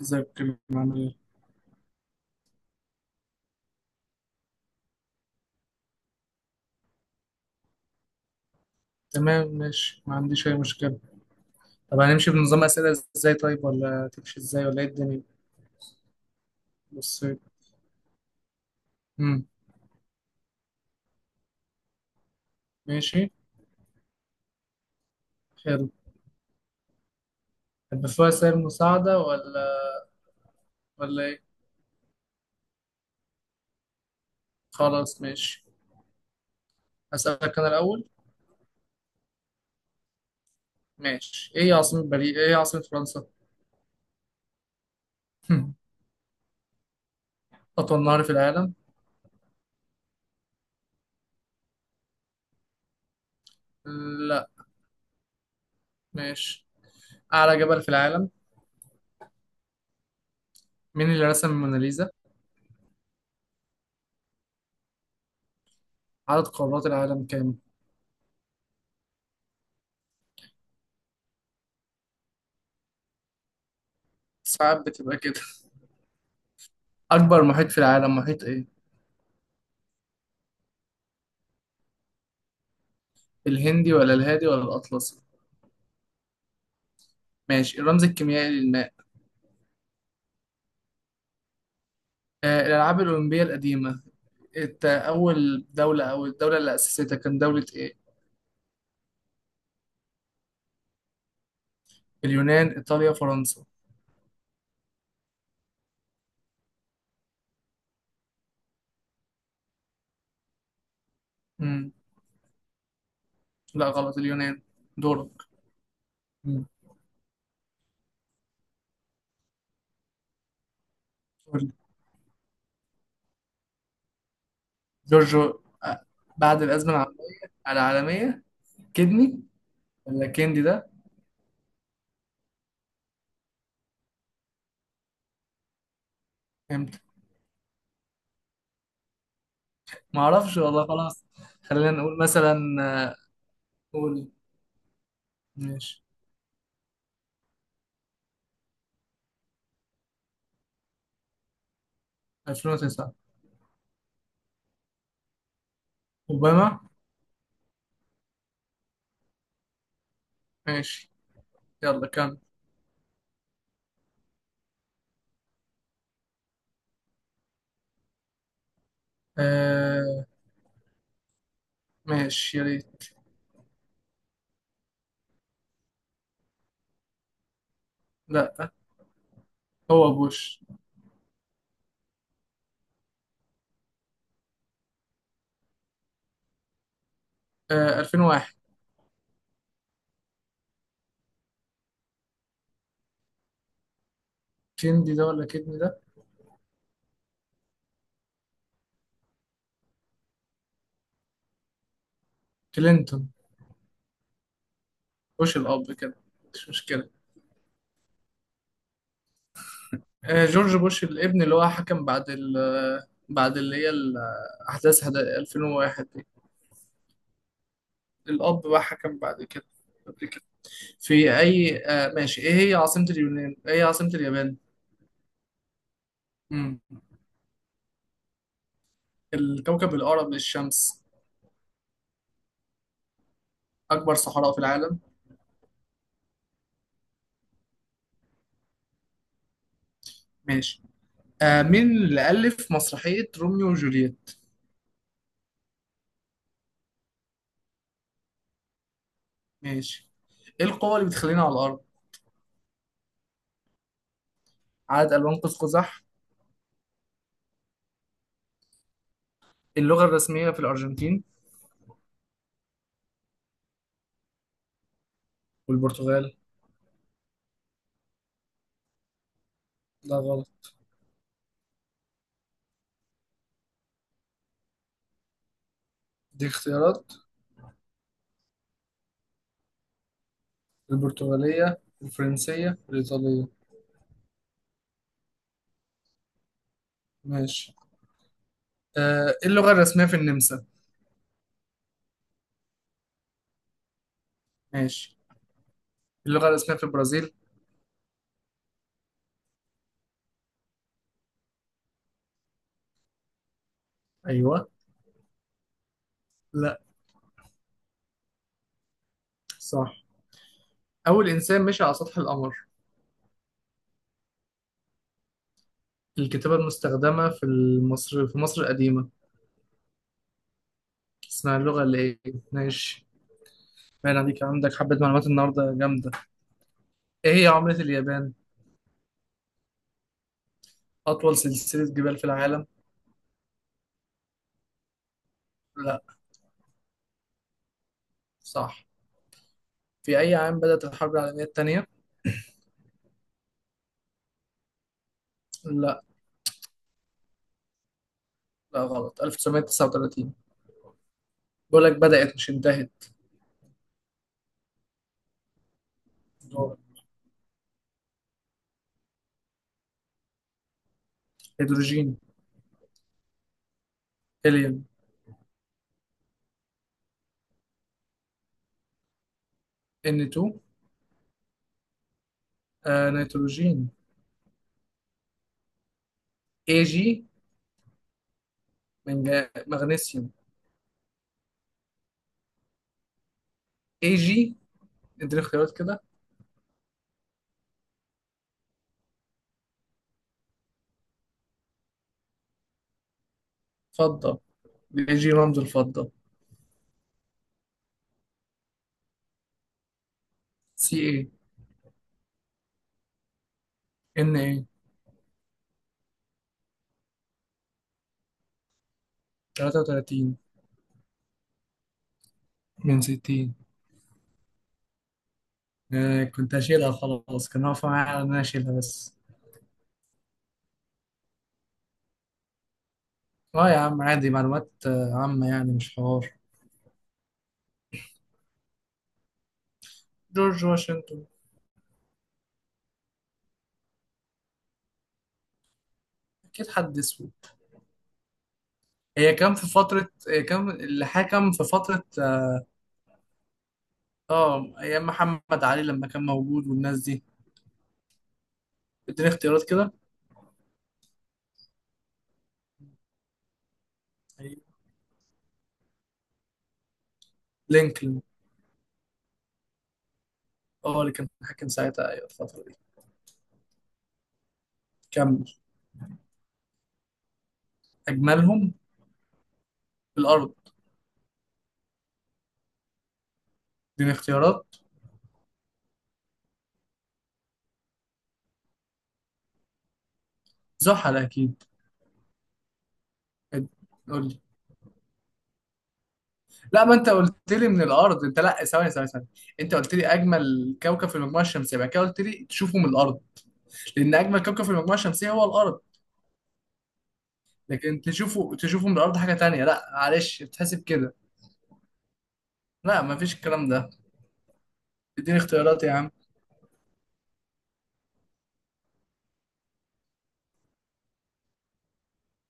ازيك يا كريم، عامل ايه؟ تمام، ماشي، ما عنديش اي مشكلة. طب هنمشي بنظام اسئلة. ازاي؟ طيب، ولا تمشي ازاي، ولا ايه الدنيا؟ بص. امم ماشي. حلو. طب في وسائل مساعدة، ولا ايه؟ خلاص، ماشي. هسألك انا الأول. ماشي. ايه عاصمة فرنسا؟ أطول نهر في العالم؟ لا. ماشي. أعلى جبل في العالم؟ مين اللي رسم الموناليزا؟ عدد قارات العالم كام؟ ساعات بتبقى كده. أكبر محيط في العالم، محيط ايه؟ الهندي ولا الهادي ولا الأطلسي؟ ماشي. الرمز الكيميائي للماء. الألعاب الأولمبية القديمة، أول دولة، أو الدولة اللي أسستها، كان دولة إيه؟ اليونان، إيطاليا، فرنسا؟ مم. لا، غلط، اليونان. دورك. مم. قول. جورجو آه، بعد الأزمة العالمية. كدني ولا كندي ده. امتى؟ معرفش والله، خلاص. خلينا نقول مثلا، قول. ماشي. 2009. أوباما. ماشي. يلا كمل. آه، ماشي يا ريت. لا، هو بوش. 2001. كيندي ده ولا كيدني ده؟ كلينتون. بوش الأب كده. مش مشكلة. آه، جورج بوش الابن اللي هو حكم بعد ال بعد اللي هي ال- أحداث 2001 دي. الأب بقى حكم بعد كده. قبل كده. في أي آه ماشي. إيه هي عاصمة اليونان؟ إيه هي عاصمة اليابان؟ مم. الكوكب الأقرب للشمس. أكبر صحراء في العالم. ماشي. مين اللي ألف مسرحية روميو وجولييت؟ ماشي. ايه القوة اللي بتخلينا على الأرض؟ عدد ألوان قوس قزح؟ اللغة الرسمية في الأرجنتين والبرتغال؟ لا، غلط. دي اختيارات: البرتغالية، الفرنسية، الإيطالية. ماشي. ايه اللغة الرسمية في النمسا؟ ماشي. اللغة الرسمية في البرازيل؟ أيوه. لا. صح. أول إنسان مشي على سطح القمر. الكتابة المستخدمة في مصر، في مصر القديمة، اسمها اللغة اللي إيه؟ ماشي. باين عليك عندك حبة معلومات النهاردة جامدة. إيه هي عملة اليابان؟ أطول سلسلة جبال في العالم. لا. صح. في أي عام بدأت الحرب العالمية الثانية؟ لا. لا، غلط، 1939. بقول لك بدأت مش انتهت. دور. هيدروجين. هيليوم. N2. آه، نيتروجين. AG. مغنيسيوم. AG. اديني اختيارات كده. فضة. الاي جي رمز الفضة. سي اي. ان اي. 33 من 60. آه كنت هشيلها، خلاص، كان واقف معايا على ان انا اشيلها بس. اه يا عم، عادي، معلومات عامة يعني، مش حوار. جورج واشنطن. اكيد حد اسود. هي كان في فترة، هي كان اللي حكم في فترة. اه، ايام محمد علي لما كان موجود والناس دي. اديني اختيارات كده. أيوة. لينكولن. اه، اللي كان حاكم ساعتها، ايوه، الفترة دي. كمل. اجملهم. في الارض. اديني اختيارات. زحل اكيد. اد- قول لي. لا، ما انت قلت لي من الارض. انت، لا، ثواني ثواني ثواني. انت قلت لي اجمل كوكب في المجموعة الشمسية، بعد كده قلت لي تشوفه من الارض. لان اجمل كوكب في المجموعة الشمسية هو الارض. لكن تشوفه من الارض حاجة تانية. لا، معلش، بتحسب كده. لا، مفيش الكلام ده. اديني اختيارات يا عم.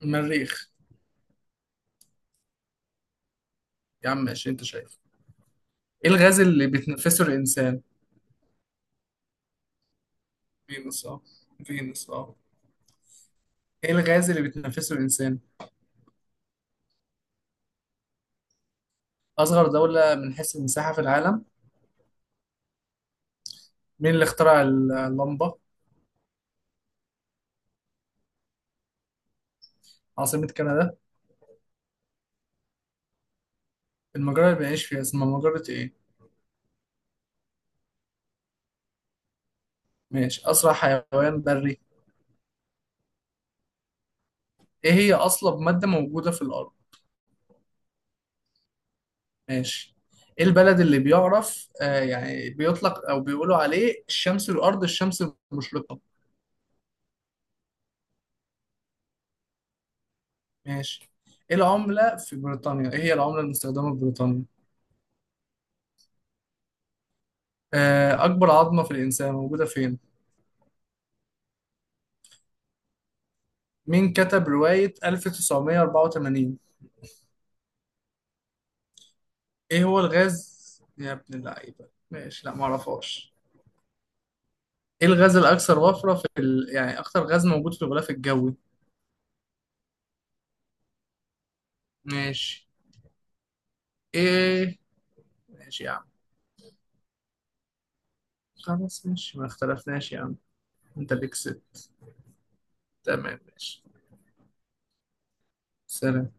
المريخ. يا عم ماشي، انت شايف. ايه الغاز اللي بيتنفسه الانسان؟ فينوس اه. فينوس اه. ايه الغاز اللي بيتنفسه الانسان؟ اصغر دولة من حيث المساحة في العالم. مين اللي اخترع اللمبة؟ عاصمة كندا. المجرة اللي بنعيش فيها اسمها مجرة ايه. ماشي. اسرع حيوان بري. ايه هي اصلب مادة موجودة في الارض. ماشي. ايه البلد اللي بيعرف، آه يعني بيطلق او بيقولوا عليه، الشمس الارض الشمس المشرقة؟ ماشي. ايه العملة في بريطانيا؟ ايه هي العملة المستخدمة في بريطانيا؟ آه، أكبر عظمة في الإنسان موجودة فين؟ مين كتب رواية 1984؟ ايه هو الغاز؟ يا ابن اللعيبة. ماشي، لا، معرفهاش. ايه الغاز الأكثر وفرة في ال... يعني أكثر غاز موجود في الغلاف الجوي؟ ماشي. ايه؟ ماشي يا عم. خلاص ماشي، ما اختلفناش يا عم. انت اللي كسبت. تمام ماشي. سلام.